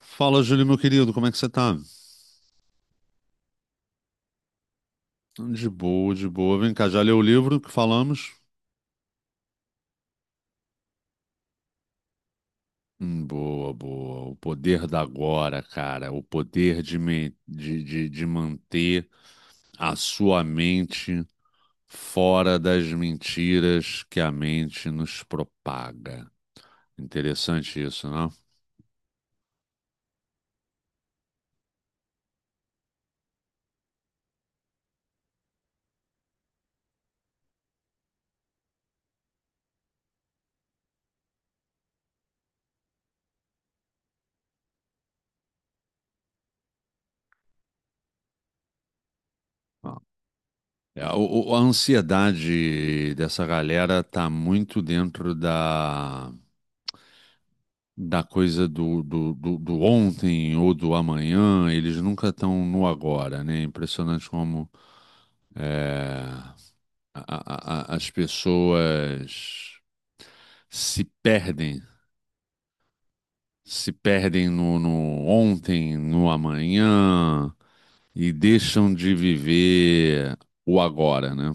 Fala, Júlio, meu querido, como é que você tá? De boa, de boa. Vem cá, já leu o livro que falamos? Boa, boa. O poder da agora, cara. O poder de, me- de manter a sua mente fora das mentiras que a mente nos propaga. Interessante isso, não? Ah. É, a ansiedade dessa galera tá muito dentro da coisa do ontem ou do amanhã, eles nunca estão no agora, né? Impressionante como é, as pessoas se perdem, se perdem no ontem, no amanhã e deixam de viver o agora, né?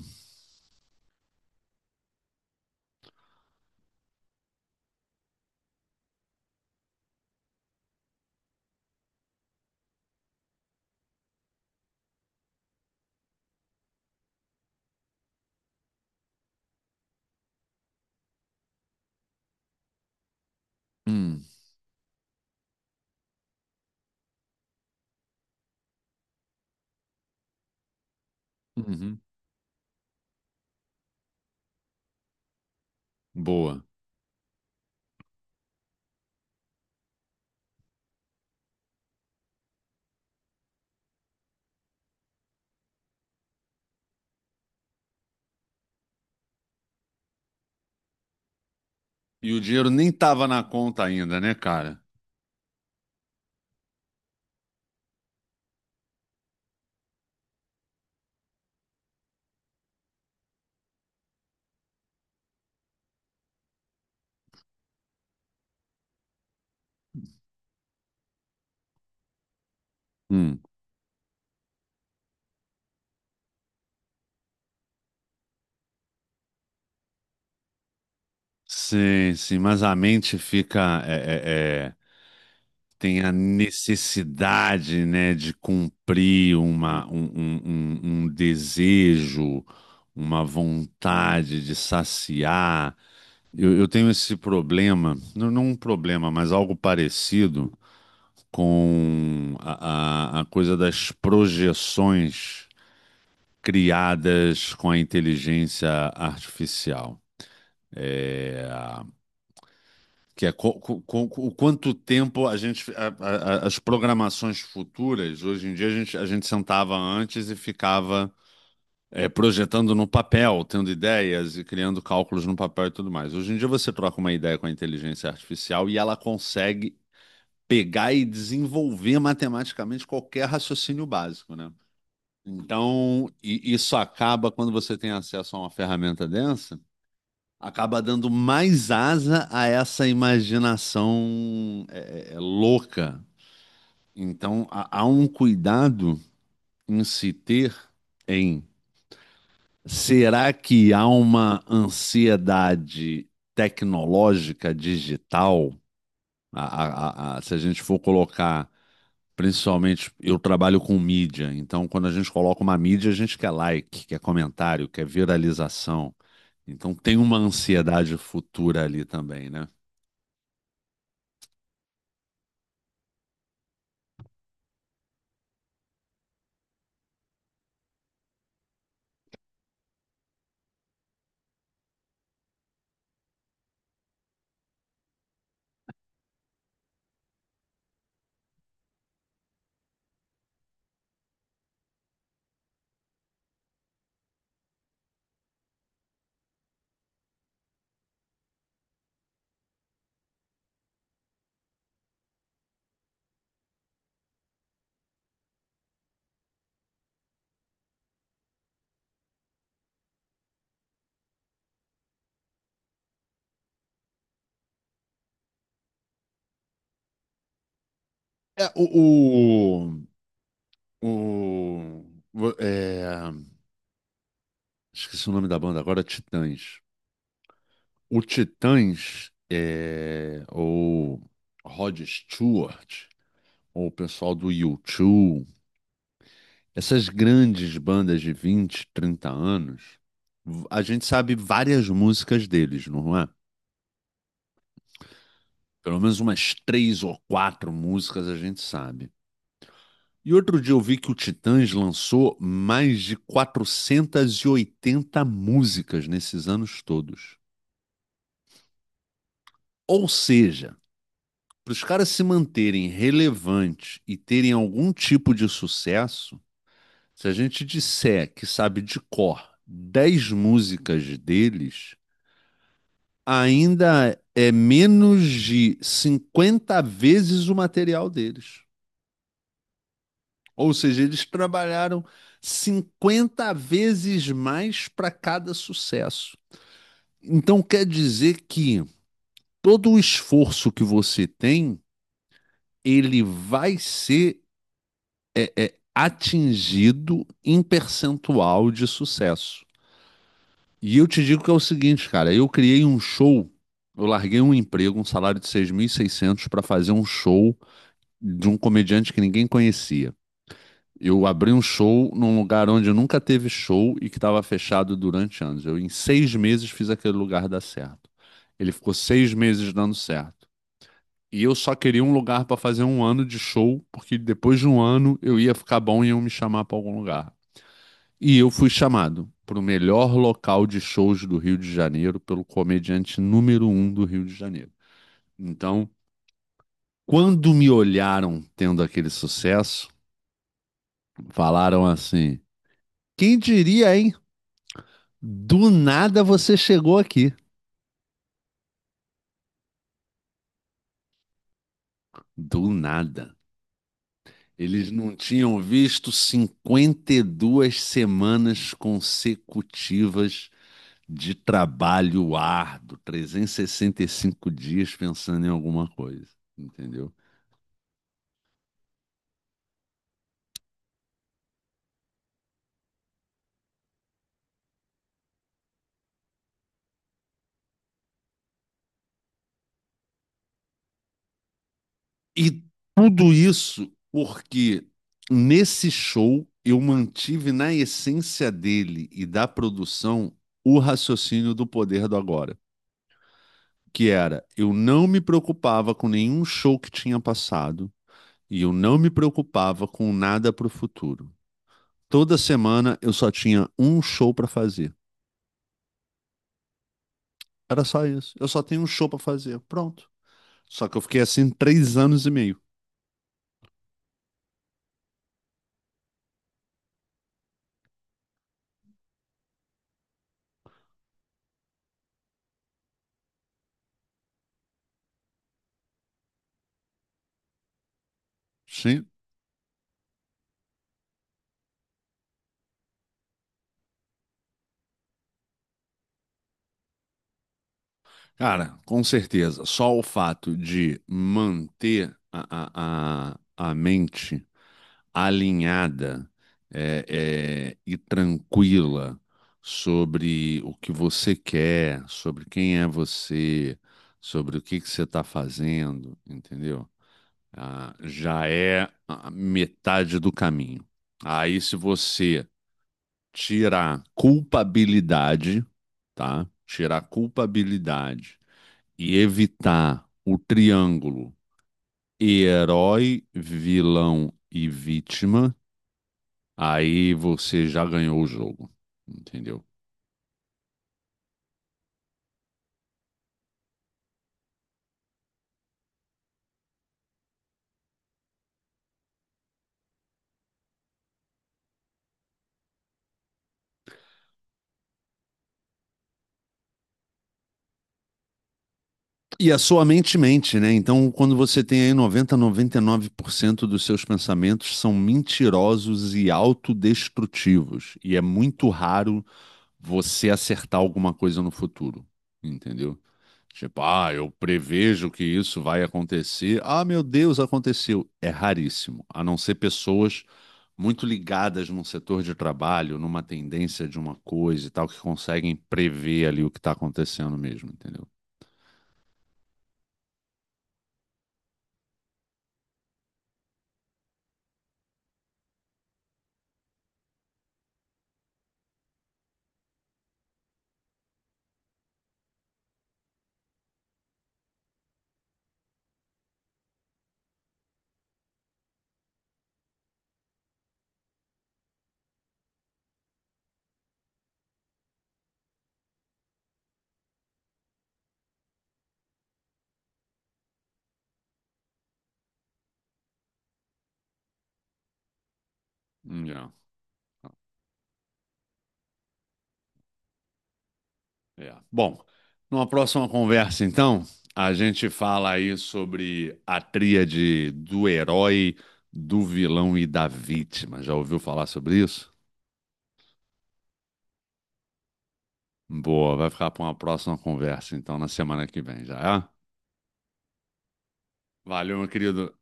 Hum, uhum, boa. E o dinheiro nem tava na conta ainda, né, cara? Hum. Sim, sim, mas a mente fica tem a necessidade, né, de cumprir uma, um- um desejo, uma vontade de saciar. Eu tenho esse problema, não, não um problema, mas algo parecido com a coisa das projeções criadas com a inteligência artificial. Que é o quanto tempo a gente. a- As programações futuras, hoje em dia a gente sentava antes e ficava projetando no papel, tendo ideias e criando cálculos no papel e tudo mais. Hoje em dia você troca uma ideia com a inteligência artificial e ela consegue pegar e desenvolver matematicamente qualquer raciocínio básico, né? Então, isso acaba quando você tem acesso a uma ferramenta densa, acaba dando mais asa a essa imaginação louca. Então, há um cuidado em se ter, em, será que há uma ansiedade tecnológica digital? Se a gente for colocar, principalmente, eu trabalho com mídia, então quando a gente coloca uma mídia, a gente quer like, quer comentário, quer viralização. Então tem uma ansiedade futura ali também, né? É, o- o- é, esqueci o nome da banda agora, Titãs. O Titãs, ou Rod Stewart, ou o pessoal do U2, essas grandes bandas de 20, 30 anos, a gente sabe várias músicas deles, não é? Pelo menos umas três ou quatro músicas a gente sabe. E outro dia eu vi que o Titãs lançou mais de 480 músicas nesses anos todos. Ou seja, para os caras se manterem relevantes e terem algum tipo de sucesso, se a gente disser que sabe de cor 10 músicas deles, ainda é menos de 50 vezes o material deles. Ou seja, eles trabalharam 50 vezes mais para cada sucesso. Então quer dizer que todo o esforço que você tem, ele vai ser atingido em percentual de sucesso. E eu te digo que é o seguinte, cara, eu criei um show, eu larguei um emprego, um salário de 6.600 para fazer um show de um comediante que ninguém conhecia. Eu abri um show num lugar onde nunca teve show e que estava fechado durante anos. Eu, em 6 meses, fiz aquele lugar dar certo. Ele ficou 6 meses dando certo. E eu só queria um lugar para fazer um ano de show, porque depois de um ano eu ia ficar bom e iam me chamar para algum lugar. E eu fui chamado para o melhor local de shows do Rio de Janeiro pelo comediante número um do Rio de Janeiro. Então, quando me olharam tendo aquele sucesso, falaram assim: quem diria, hein? Do nada você chegou aqui. Do nada. Eles não tinham visto 52 semanas consecutivas de trabalho árduo, 365 dias pensando em alguma coisa, entendeu? E tudo isso porque nesse show eu mantive na essência dele e da produção o raciocínio do poder do agora, que era: eu não me preocupava com nenhum show que tinha passado e eu não me preocupava com nada para o futuro. Toda semana eu só tinha um show para fazer. Era só isso. Eu só tenho um show para fazer. Pronto. Só que eu fiquei assim 3 anos e meio. Sim. Cara, com certeza. Só o fato de manter a mente alinhada e tranquila sobre o que você quer, sobre quem é você, sobre o que que você está fazendo, entendeu? Ah, já é a metade do caminho. Aí, se você tirar culpabilidade, tá? Tirar culpabilidade e evitar o triângulo herói, vilão e vítima, aí você já ganhou o jogo, entendeu? E a sua mente mente, né? Então, quando você tem aí 99% dos seus pensamentos são mentirosos e autodestrutivos, e é muito raro você acertar alguma coisa no futuro, entendeu? Tipo, ah, eu prevejo que isso vai acontecer. Ah, meu Deus, aconteceu. É raríssimo, a não ser pessoas muito ligadas num setor de trabalho, numa tendência de uma coisa e tal, que conseguem prever ali o que está acontecendo mesmo, entendeu? É. É. Bom, numa próxima conversa, então, a gente fala aí sobre a tríade do herói, do vilão e da vítima. Já ouviu falar sobre isso? Boa, vai ficar para uma próxima conversa, então, na semana que vem, já é? Valeu, meu querido.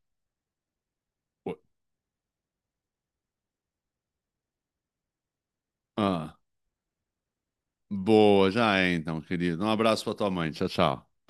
Ah, boa, já é, então, querido. Um abraço para tua mãe. Tchau, tchau.